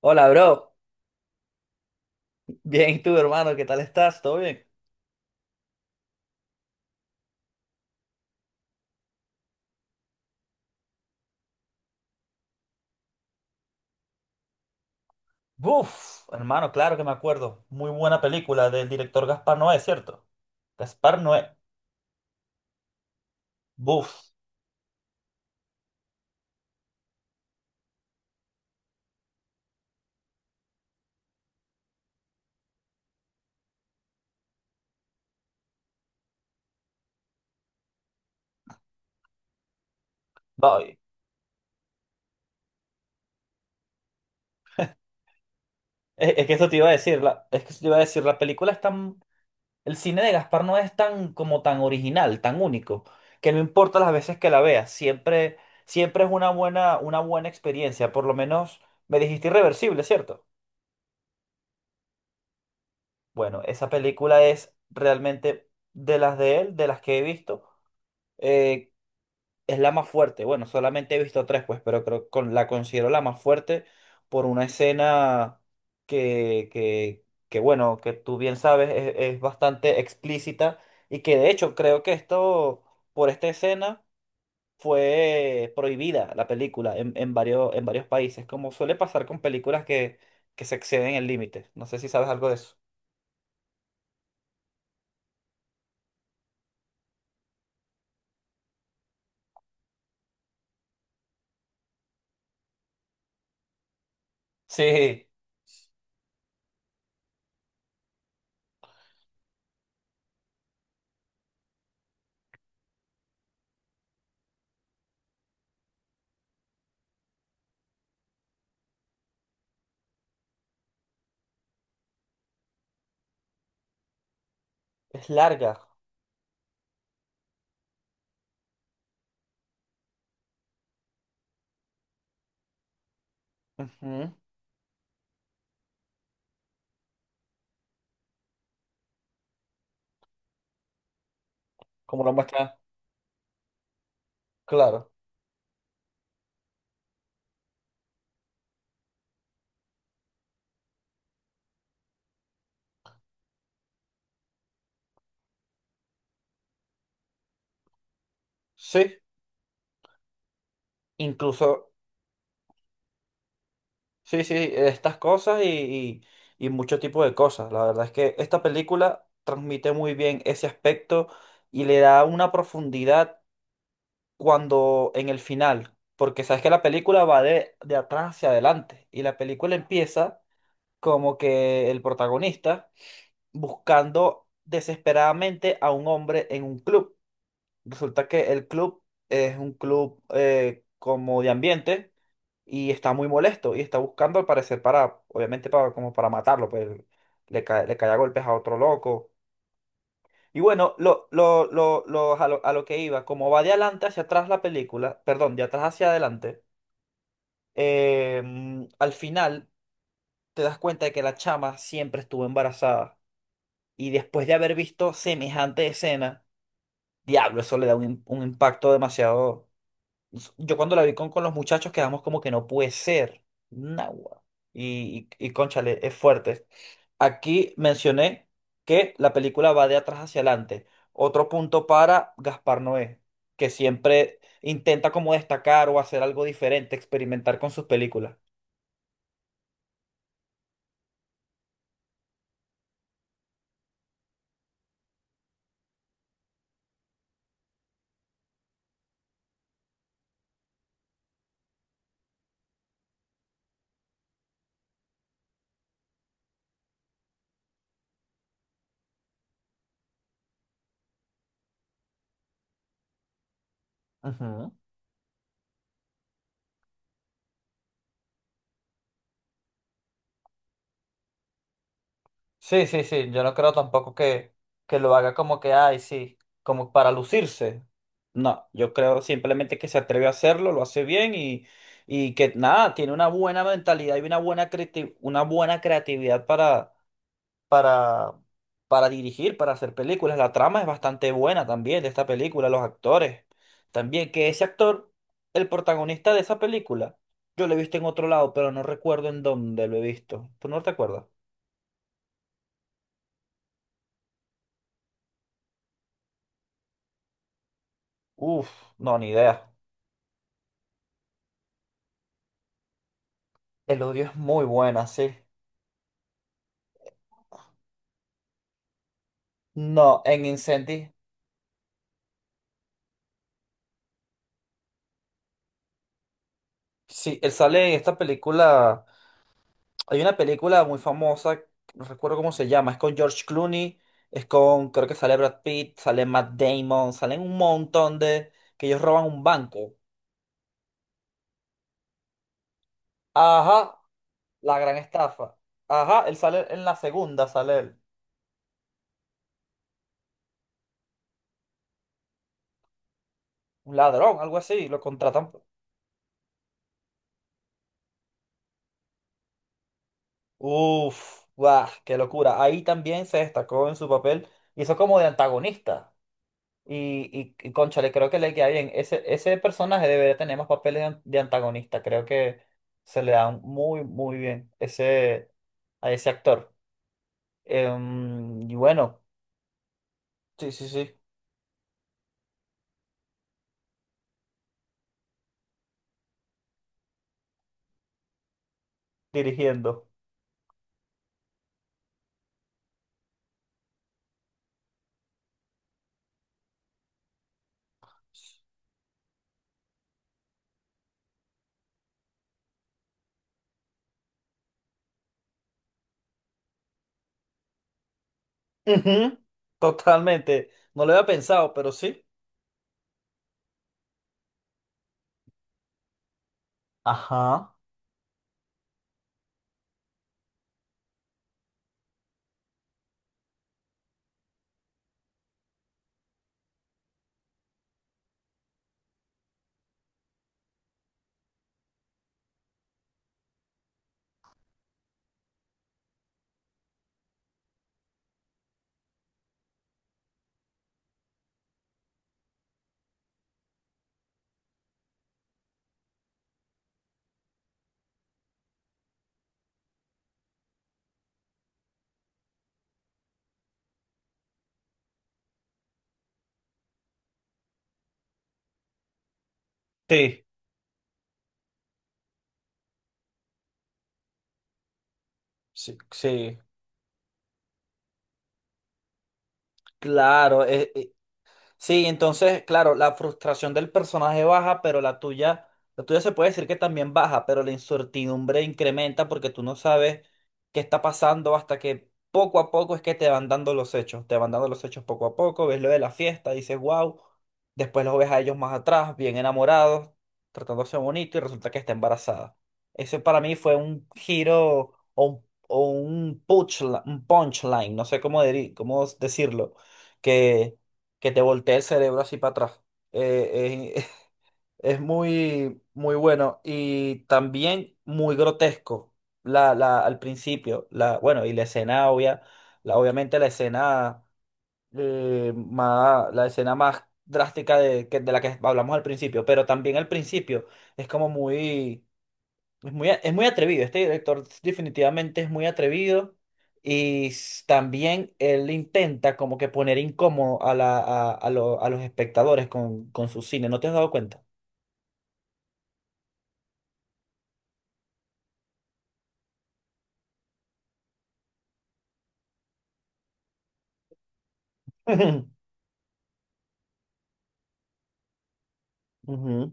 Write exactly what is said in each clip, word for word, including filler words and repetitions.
Hola, bro. Bien, ¿y tú, hermano? ¿Qué tal estás? ¿Todo bien? Buf, hermano, claro que me acuerdo. Muy buena película del director Gaspar Noé, ¿cierto? Gaspar Noé. Buf. Voy. Es, es que eso te iba a decir, la, es que eso te iba a decir, la película es tan, el cine de Gaspar Noé es tan como tan original, tan único, que no importa las veces que la veas, siempre, siempre es una buena, una buena experiencia, por lo menos me dijiste irreversible, ¿cierto? Bueno, esa película es realmente de las de él, de las que he visto. eh, es la más fuerte. Bueno, solamente he visto tres, pues, pero creo que la considero la más fuerte por una escena que, que, que bueno, que tú bien sabes, es, es bastante explícita y que de hecho creo que esto, por esta escena, fue prohibida la película en, en varios, en varios países, como suele pasar con películas que, que se exceden el límite. No sé si sabes algo de eso. Sí, es larga. Ujú. Como lo muestra. Claro. Sí. Incluso sí, sí, estas cosas y, y, y mucho tipo de cosas. La verdad es que esta película transmite muy bien ese aspecto y le da una profundidad cuando en el final, porque sabes que la película va de, de atrás hacia adelante y la película empieza como que el protagonista buscando desesperadamente a un hombre en un club. Resulta que el club es un club eh, como de ambiente y está muy molesto y está buscando al parecer para, obviamente para, como para matarlo, pues le cae, le cae a golpes a otro loco. Y bueno, lo, lo, lo, lo- a lo, a lo que iba, como va de adelante hacia atrás la película, perdón, de atrás hacia adelante, eh, mm, al final te das cuenta de que la chama siempre estuvo embarazada y después de haber visto semejante escena, diablo, eso le da un, im- un impacto demasiado. Yo cuando la vi con, con los muchachos quedamos como que no puede ser. Nahua. Y, y, y cónchale, es fuerte. Aquí mencioné que la película va de atrás hacia adelante. Otro punto para Gaspar Noé, que siempre intenta como destacar o hacer algo diferente, experimentar con sus películas. Ujú. Sí, sí, sí, yo no creo tampoco que, que lo haga como que, ay, sí, como para lucirse. No, yo creo simplemente que se atreve a hacerlo, lo hace bien y, y que nada, tiene una buena mentalidad y una buena creati- una buena creatividad para, para, para dirigir, para hacer películas. La trama es bastante buena también de esta película, los actores. También que ese actor, el protagonista de esa película, yo lo he visto en otro lado, pero no recuerdo en dónde lo he visto. ¿Tú no te acuerdas? Uf, no, ni idea. El odio es muy buena, sí. No, en Incendies, sí, él sale en esta película. Hay una película muy famosa, no recuerdo cómo se llama, es con George Clooney, es con, creo que sale Brad Pitt, sale Matt Damon, salen un montón de, que ellos roban un banco. Ajá, la gran estafa. Ajá, él sale en la segunda, sale él, un ladrón, algo así, lo contratan. Uf, guau, qué locura. Ahí también se destacó en su papel, hizo como de antagonista. Y, y, y, cónchale, creo que le queda bien. Ese, ese personaje debería tener más papeles de, an- de antagonista. Creo que se le da muy, muy bien ese, a ese actor. Em, y bueno, sí, sí, sí, dirigiendo. Ujú. Totalmente. No lo había pensado, pero sí. Ajá. Sí, sí, sí. Claro, e, sí, entonces, claro, la frustración del personaje baja, pero la tuya, la tuya se puede decir que también baja, pero la incertidumbre incrementa porque tú no sabes qué está pasando hasta que poco a poco es que te van dando los hechos, te van dando los hechos poco a poco, ves lo de la fiesta, dices, wow, después los ves a ellos más atrás, bien enamorados, tratándose bonito y resulta que está embarazada. Ese para mí fue un giro o un, o un punchline, un punchline, no sé cómo, deri- cómo decirlo, que que te voltee el cerebro así para atrás. Eh, eh, es muy, muy bueno y también muy grotesco la, la, al principio. La, bueno, y la escena obvia, la, obviamente la escena, eh, más, la escena más drástica de, que- de la que hablamos al principio, pero también al principio es como muy... Es muy, a- es muy atrevido, este director definitivamente es muy atrevido y s- también él intenta como que poner incómodo a, la, a, a lo- a los espectadores con, con su cine, ¿no te has dado cuenta? Ujú.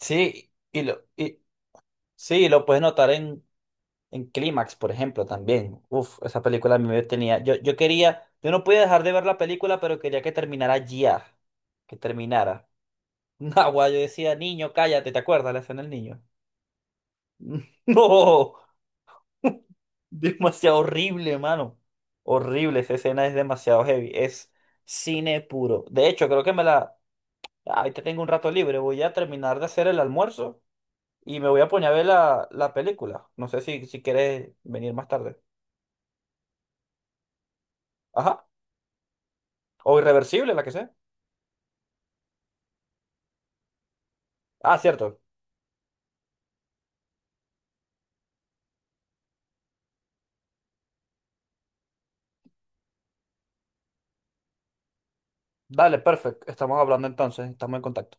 Sí, y lo, y, sí, lo puedes notar en, en Clímax, por ejemplo, también. Uf, esa película a mí me tenía, yo, yo quería, yo no podía dejar de ver la película, pero quería que terminara ya, que terminara. No, yo decía, niño, cállate, ¿te acuerdas la escena del niño? No. Demasiado horrible, mano. Horrible, esa escena es demasiado heavy. Es cine puro. De hecho, creo que me la... Ahorita tengo un rato libre. Voy a terminar de hacer el almuerzo y me voy a poner a ver la, la película. No sé si, si quieres venir más tarde. Ajá. O Irreversible, la que sea. Ah, cierto. Dale, perfecto. Estamos hablando entonces. Estamos en contacto.